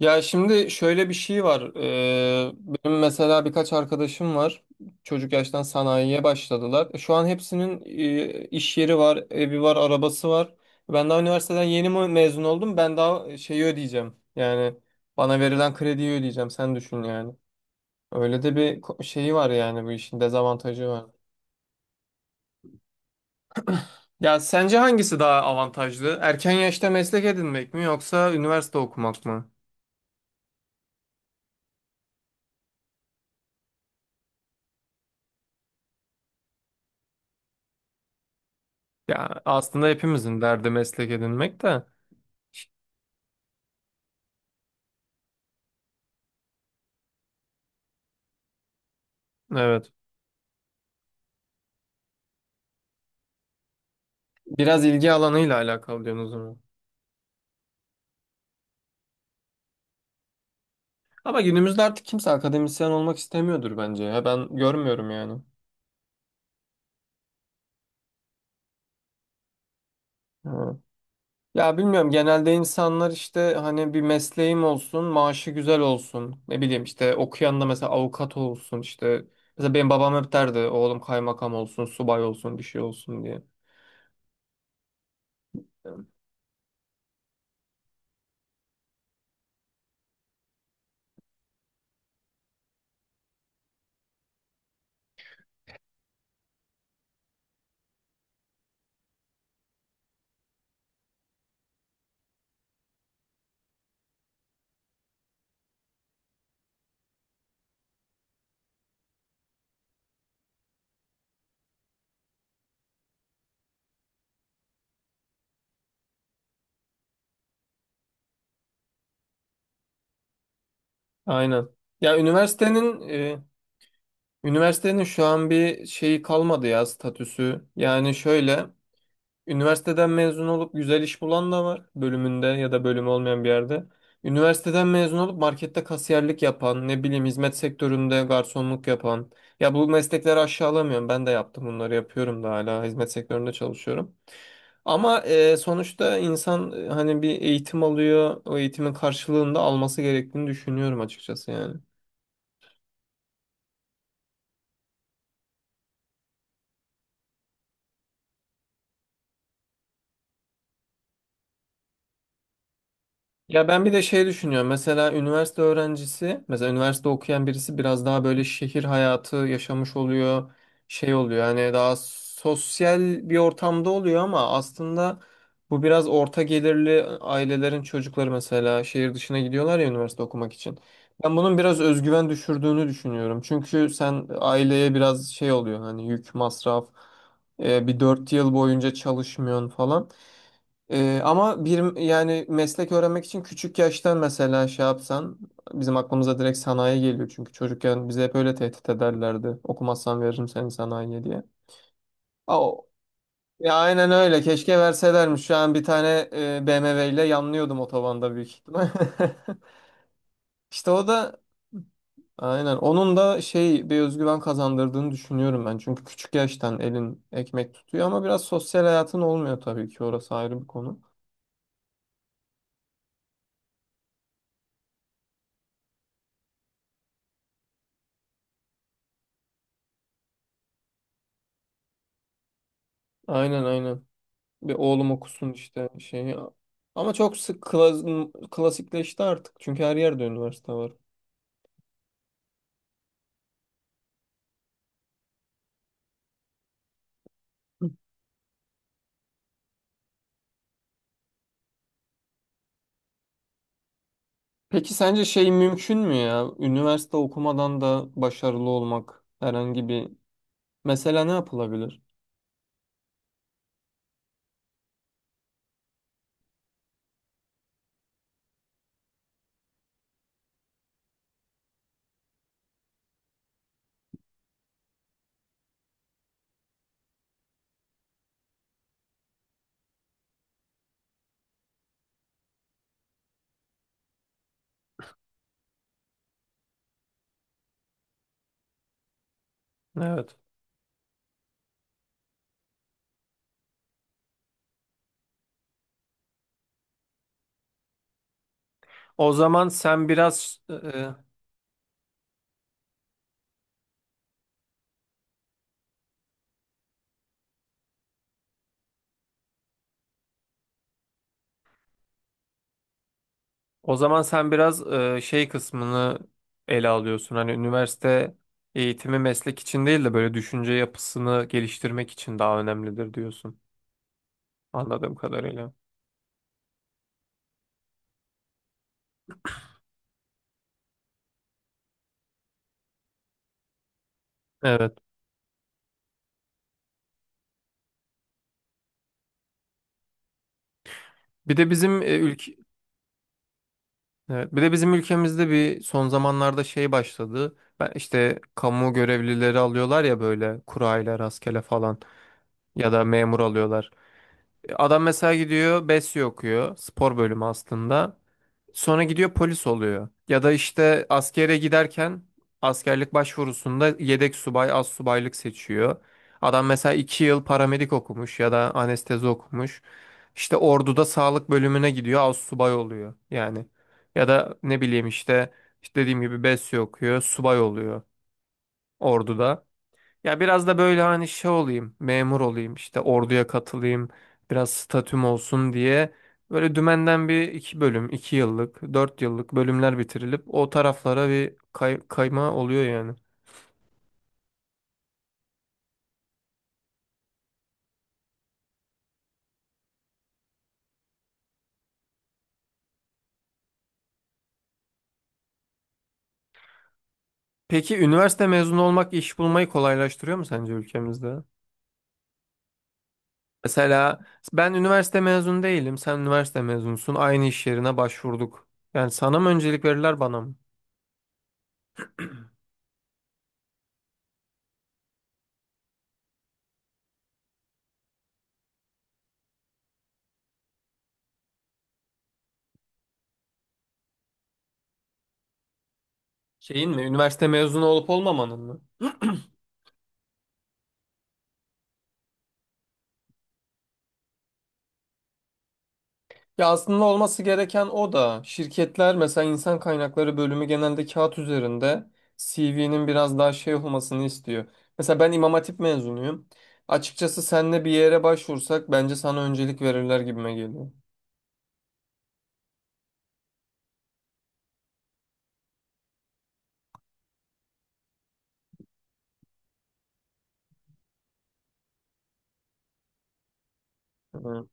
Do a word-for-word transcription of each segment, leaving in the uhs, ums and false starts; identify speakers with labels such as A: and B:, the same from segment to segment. A: Ya şimdi şöyle bir şey var. Ee, benim mesela birkaç arkadaşım var. Çocuk yaştan sanayiye başladılar. E, Şu an hepsinin e, iş yeri var, evi var, arabası var. Ben daha üniversiteden yeni mi mezun oldum. Ben daha e, şeyi ödeyeceğim. Yani bana verilen krediyi ödeyeceğim. Sen düşün yani. Öyle de bir ko- şeyi var yani bu işin dezavantajı var. Ya sence hangisi daha avantajlı? Erken yaşta meslek edinmek mi yoksa üniversite okumak mı? Ya aslında hepimizin derdi meslek edinmek de. Evet. Biraz ilgi alanıyla alakalı diyorsunuz o zaman. Ama günümüzde artık kimse akademisyen olmak istemiyordur bence. Ya ben görmüyorum yani. Ha. Ya bilmiyorum, genelde insanlar işte hani bir mesleğim olsun, maaşı güzel olsun. Ne bileyim, işte okuyan da mesela avukat olsun işte. Mesela benim babam hep derdi oğlum kaymakam olsun, subay olsun, bir şey olsun diye. Aynen. Ya üniversitenin e, üniversitenin şu an bir şeyi kalmadı ya, statüsü. Yani şöyle. Üniversiteden mezun olup güzel iş bulan da var, bölümünde ya da bölümü olmayan bir yerde. Üniversiteden mezun olup markette kasiyerlik yapan, ne bileyim hizmet sektöründe garsonluk yapan. Ya bu meslekleri aşağılamıyorum. Ben de yaptım bunları, yapıyorum da, hala hizmet sektöründe çalışıyorum. Ama e, sonuçta insan e, hani bir eğitim alıyor. O eğitimin karşılığında alması gerektiğini düşünüyorum açıkçası yani. Ya ben bir de şey düşünüyorum. Mesela üniversite öğrencisi, mesela üniversite okuyan birisi biraz daha böyle şehir hayatı yaşamış oluyor, şey oluyor. Hani daha sosyal bir ortamda oluyor, ama aslında bu biraz orta gelirli ailelerin çocukları mesela şehir dışına gidiyorlar ya üniversite okumak için. Ben bunun biraz özgüven düşürdüğünü düşünüyorum. Çünkü sen aileye biraz şey oluyor, hani yük, masraf, e, bir dört yıl boyunca çalışmıyorsun falan. Ee, ama bir yani meslek öğrenmek için küçük yaştan mesela şey yapsan, bizim aklımıza direkt sanayi geliyor çünkü çocukken bize hep öyle tehdit ederlerdi. Okumazsan veririm seni sanayiye diye. Aa, ya aynen öyle, keşke verselermiş. Şu an bir tane e, B M W ile yanlıyordum otobanda büyük ihtimal. İşte o da, aynen, onun da şey bir özgüven kazandırdığını düşünüyorum ben. Çünkü küçük yaştan elin ekmek tutuyor ama biraz sosyal hayatın olmuyor, tabii ki orası ayrı bir konu. Aynen, aynen. Bir oğlum okusun işte şeyi. Ama çok sık klas- klasikleşti artık. Çünkü her yerde üniversite var. Peki sence şey mümkün mü ya? Üniversite okumadan da başarılı olmak herhangi bir... Mesela ne yapılabilir? Evet. O zaman sen biraz e, o zaman sen biraz e, şey kısmını ele alıyorsun. Hani üniversite eğitimi meslek için değil de böyle düşünce yapısını geliştirmek için daha önemlidir diyorsun. Anladığım kadarıyla. Evet. Bir de bizim e, ülk- Evet, bir de bizim ülkemizde bir son zamanlarda şey başladı. Ben işte kamu görevlileri alıyorlar ya, böyle kurayla rastgele falan, ya da memur alıyorlar. Adam mesela gidiyor BESYO okuyor. Spor bölümü aslında. Sonra gidiyor polis oluyor. Ya da işte askere giderken askerlik başvurusunda yedek subay, az subaylık seçiyor. Adam mesela iki yıl paramedik okumuş ya da anestezi okumuş. İşte orduda sağlık bölümüne gidiyor, az subay oluyor yani. Ya da ne bileyim işte, işte dediğim gibi BESYO okuyor, subay oluyor orduda. Ya biraz da böyle hani şey olayım, memur olayım, işte orduya katılayım, biraz statüm olsun diye böyle dümenden bir iki bölüm, iki yıllık, dört yıllık bölümler bitirilip o taraflara bir kay- kayma oluyor yani. Peki üniversite mezunu olmak iş bulmayı kolaylaştırıyor mu sence ülkemizde? Mesela ben üniversite mezunu değilim, sen üniversite mezunusun, aynı iş yerine başvurduk. Yani sana mı öncelik verirler, bana mı? Şeyin mi, üniversite mezunu olup olmamanın mı? Ya, aslında olması gereken o da, şirketler mesela insan kaynakları bölümü genelde kağıt üzerinde C V'nin biraz daha şey olmasını istiyor. Mesela ben İmam Hatip mezunuyum. Açıkçası senle bir yere başvursak bence sana öncelik verirler gibime geliyor. Hı.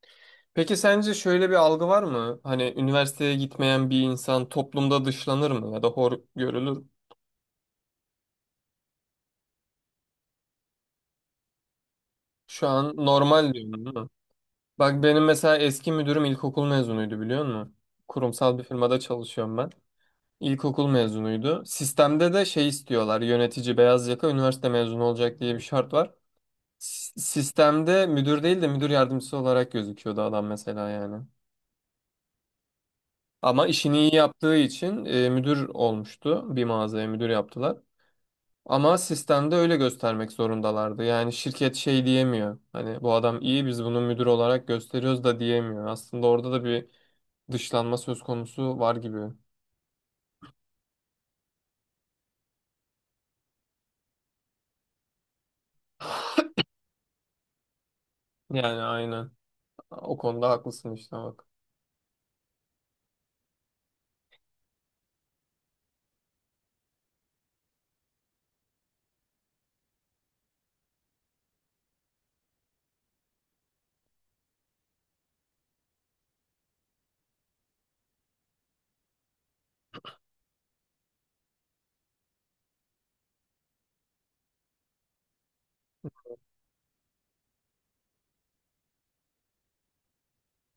A: Peki sence şöyle bir algı var mı? Hani üniversiteye gitmeyen bir insan toplumda dışlanır mı ya da hor görülür? Mü? Şu an normal diyorum değil mi? Bak benim mesela eski müdürüm ilkokul mezunuydu, biliyor musun? Kurumsal bir firmada çalışıyorum ben. İlkokul mezunuydu. Sistemde de şey istiyorlar. Yönetici beyaz yaka üniversite mezunu olacak diye bir şart var. S- Sistemde müdür değil de müdür yardımcısı olarak gözüküyordu adam mesela yani. Ama işini iyi yaptığı için e, müdür olmuştu. Bir mağazaya müdür yaptılar. Ama sistemde öyle göstermek zorundalardı. Yani şirket şey diyemiyor. Hani bu adam iyi, biz bunu müdür olarak gösteriyoruz da diyemiyor. Aslında orada da bir dışlanma söz konusu var gibi. Yani, aynen. O konuda haklısın işte, bak.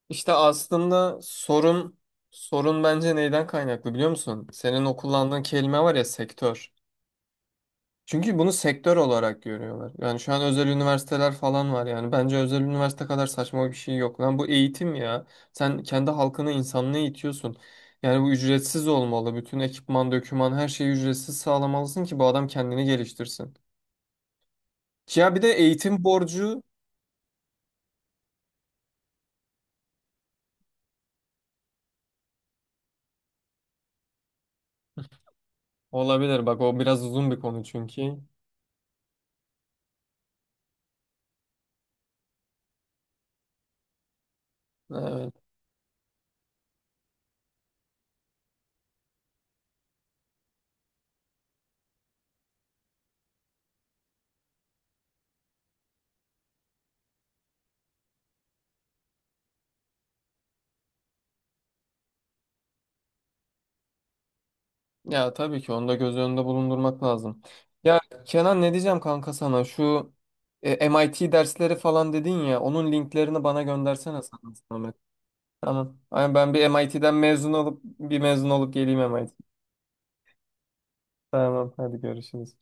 A: İşte aslında sorun sorun bence neyden kaynaklı, biliyor musun? Senin o kullandığın kelime var ya, sektör. Çünkü bunu sektör olarak görüyorlar. Yani şu an özel üniversiteler falan var yani. Bence özel üniversite kadar saçma bir şey yok. Lan, bu eğitim ya. Sen kendi halkını, insanlığı eğitiyorsun. Yani bu ücretsiz olmalı. Bütün ekipman, döküman, her şeyi ücretsiz sağlamalısın ki bu adam kendini geliştirsin. Ya bir de eğitim borcu olabilir. Bak, o biraz uzun bir konu çünkü. Evet. Ya tabii ki onu da göz önünde bulundurmak lazım. Ya Kenan, ne diyeceğim kanka sana, şu e, M I T dersleri falan dedin ya, onun linklerini bana göndersene sana Samet. Tamam. Ay, ben bir M I T'den mezun olup bir mezun olup geleyim M I T. Tamam, hadi görüşürüz.